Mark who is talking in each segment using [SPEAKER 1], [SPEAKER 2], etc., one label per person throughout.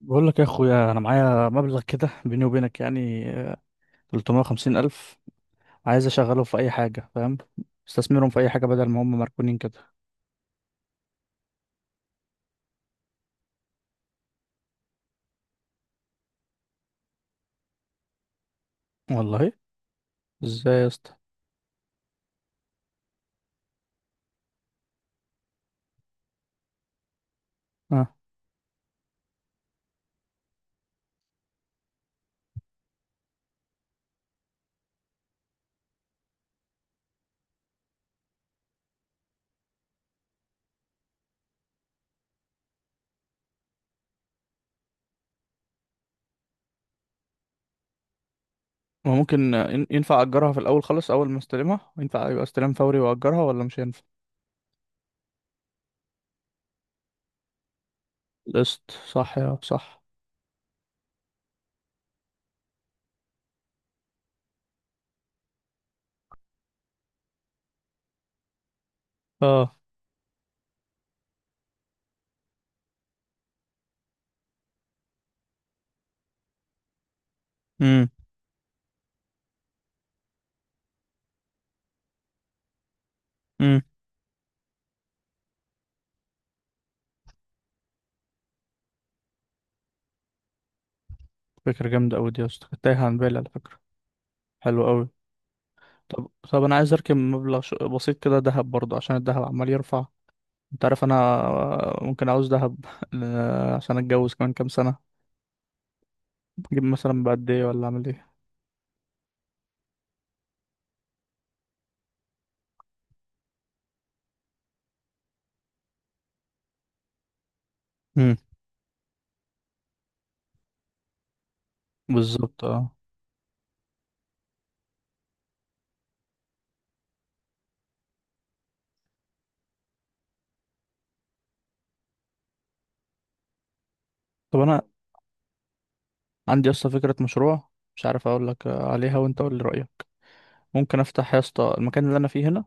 [SPEAKER 1] بقول لك يا اخويا، انا معايا مبلغ كده بيني وبينك، يعني 350 الف. عايز اشغله في اي حاجه، فاهم. استثمرهم في اي حاجه بدل ما هم مركونين كده. والله. ازاي يا اسطى؟ اه. ما ممكن ينفع اجرها في الاول خالص؟ اول ما استلمها ينفع يبقى استلام فوري واجرها، ولا مش هينفع؟ قسط، صح؟ يا صح. اه. امم. امم. فكره جامده قوي دي يا اسطى، كانت تايهه عن بالي على فكره. حلو قوي. طب انا عايز اركب مبلغ بسيط كده، ذهب برضه، عشان الذهب عمال يرفع. انت عارف انا، ممكن عاوز دهب عشان اتجوز كمان كام سنه. اجيب مثلا بقد ايه، ولا اعمل ايه؟ امم. بالظبط، اه. طب انا عندي اصلا فكره مشروع، مش عارف اقول لك عليها، وانت قول لي رايك. ممكن افتح يا اسطى المكان اللي انا فيه هنا.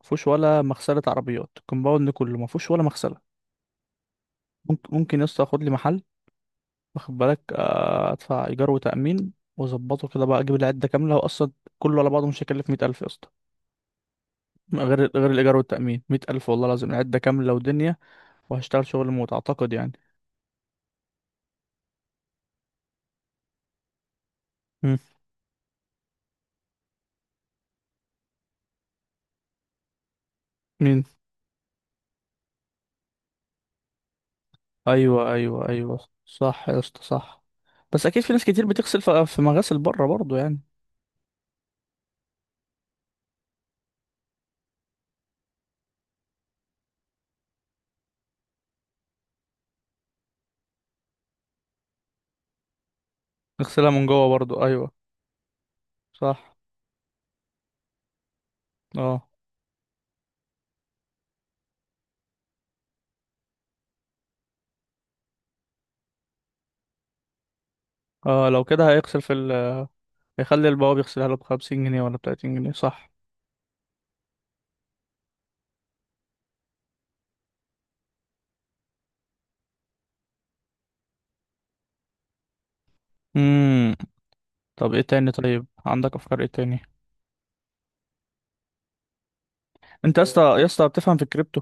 [SPEAKER 1] مفيهوش ولا مغسله عربيات، الكومباوند كله مفيهوش ولا مغسله. ممكن ممكن يا اسطى اخد لي محل، واخد بالك، آه، ادفع ايجار وتامين واظبطه كده بقى، اجيب العده كامله، واصلا كله على بعضه مش هيكلف 100,000 يا اسطى. غير الايجار والتامين، 100,000 والله العظيم، العده كامله ودنيا، وهشتغل شغل موت اعتقد يعني. مم. مين؟ ايوه ايوه ايوه، صح يا اسطى، صح. بس اكيد في ناس كتير بتغسل في مغاسل بره برضو يعني. نغسلها من جوه برضو، ايوه، صح. اه. اه، لو كده هيغسل في ال... هيخلي البواب يغسلها له بـ50 جنيه ولا بـ30 جنيه، صح؟ امم. طب ايه تاني؟ طيب عندك افكار ايه تاني؟ انت يا اسطى، يا اسطى بتفهم في الكريبتو؟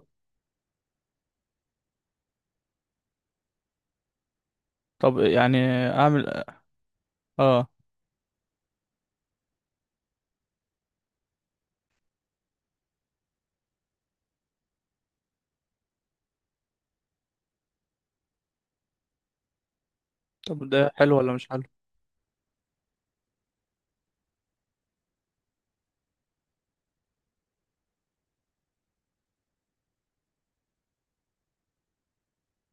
[SPEAKER 1] طب يعني اعمل. اه. طب ده حلو ولا مش حلو؟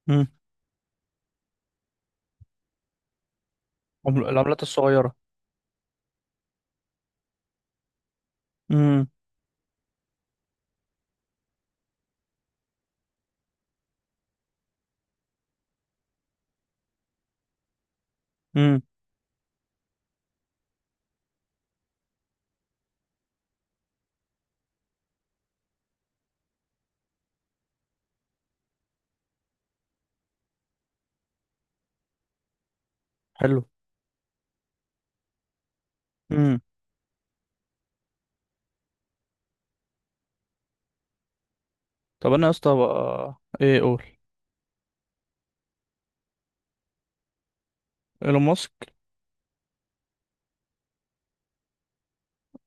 [SPEAKER 1] مم. العملات الصغيرة. مم. مم. حلو. طب انا يا اسطى بقى ايه اقول؟ ايلون ماسك.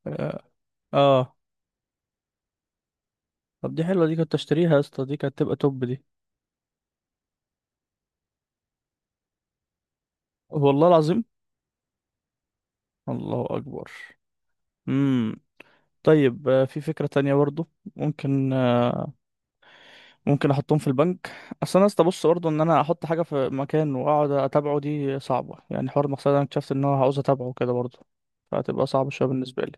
[SPEAKER 1] اه. آه. طب دي حلوه، دي كنت اشتريها يا اسطى، دي كانت تبقى توب دي. والله العظيم. الله اكبر. امم. طيب آه، في فكره تانية برضو. ممكن آه، ممكن احطهم في البنك. اصل انا يا اسطى، بص برضو، ان انا احط حاجه في مكان واقعد اتابعه، دي صعبه يعني. حوار المقصد، انا اكتشفت ان انا عاوز اتابعه كده برضو، فهتبقى صعبه شويه بالنسبه لي.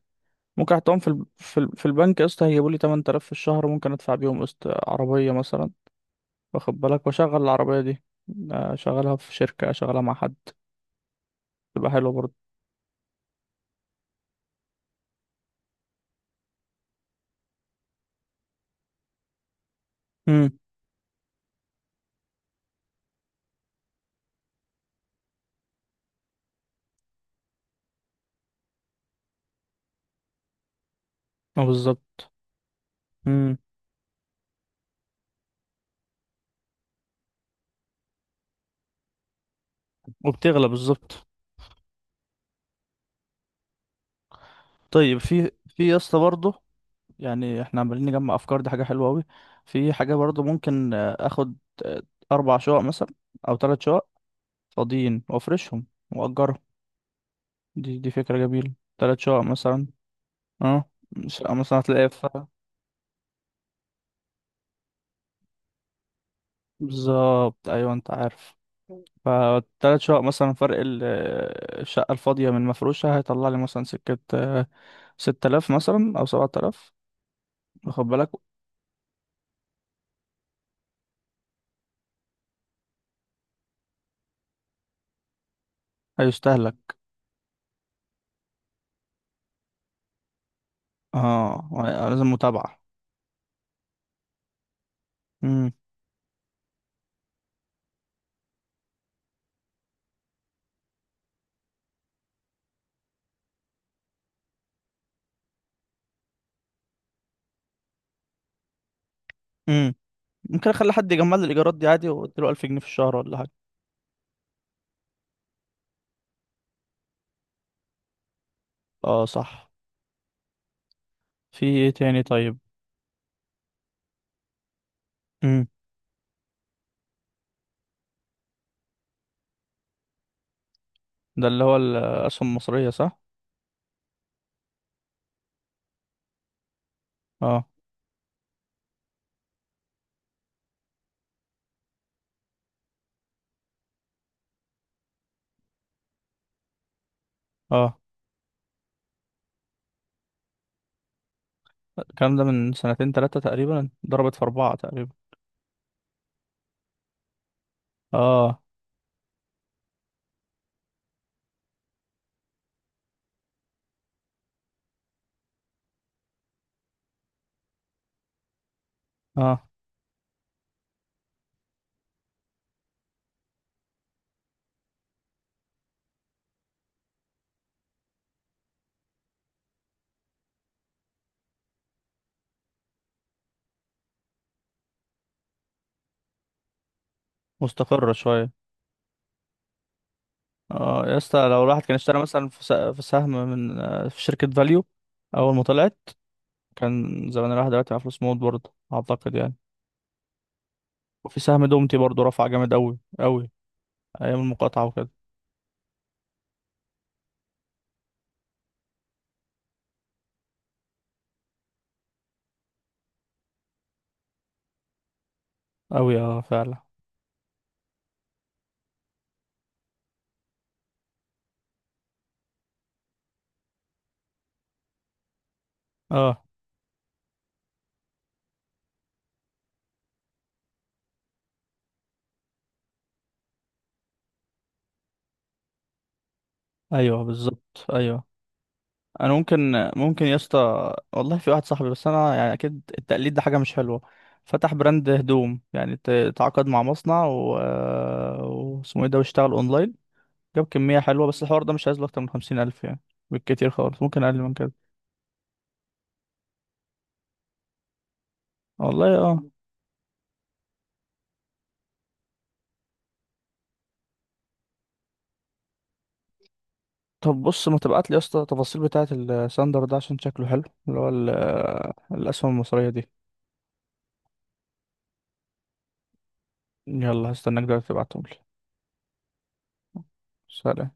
[SPEAKER 1] ممكن احطهم في ال... في, ال... في البنك يا اسطى، هيجيبوا لي 8,000 في الشهر، ممكن ادفع بيهم قسط عربيه مثلا، واخد بالك، واشغل العربية دي، اشغلها في شركة، اشغلها مع حد، تبقى حلوة برضه. امم. اه، بالظبط. امم. وبتغلى بالظبط. طيب في، في يا اسطى برضه، يعني احنا عمالين نجمع افكار، دي حاجة حلوة قوي. في حاجة برضه ممكن آه، اخد، آه، اربع شقق مثلا، او ثلاث شقق فاضيين، وافرشهم واجرهم. دي فكرة جميلة. ثلاث شقق مثلا. اه، شقة مثلا هتلاقيها في. بالظبط، ايوه، انت عارف. فالتلات شقق مثلا، فرق ال... الشقة الفاضية من المفروشة هيطلع لي مثلا سكة آه، 6,000 مثلا أو 7,000. واخد بالك، هيستهلك. اه، لازم متابعة. مم. مم. ممكن أخلي حد يجمع لي الإيجارات دي عادي، وأديله 1,000 جنيه في الشهر ولا حاجة. اه، صح. في ايه تاني طيب؟ مم. ده اللي هو الأسهم المصرية، صح؟ اه. اه، الكلام ده من سنتين تلاتة تقريبا، ضربت في أربعة تقريبا. اه. اه. مستقرة شوية. اه يا اسطى، لو الواحد كان اشترى مثلا في في سهم من آه، في شركة فاليو اول ما طلعت، كان زمان الواحد دلوقتي معاه فلوس موت برضه اعتقد يعني. وفي سهم دومتي برضه، رفع جامد قوي قوي، ايام المقاطعة وكده. قوي اه، فعلا. اه، ايوه بالظبط، ايوه. انا ممكن، ممكن يا اسطى، والله في واحد صاحبي، بس انا يعني اكيد التقليد ده حاجة مش حلوة، فتح براند هدوم، يعني تعاقد مع مصنع و آه، واسمه ايه ده، واشتغل اونلاين، جاب كمية حلوة، بس الحوار ده مش عايز له أكتر من 50,000 يعني، بالكتير خالص، ممكن أقل من كده. والله اه. طب بص، ما تبعت لي يا اسطى التفاصيل بتاعة الساندر ده عشان شكله حلو، اللي هو ال... الأسهم المصرية دي. يلا هستناك دلوقتي تبعتهم لي. سلام.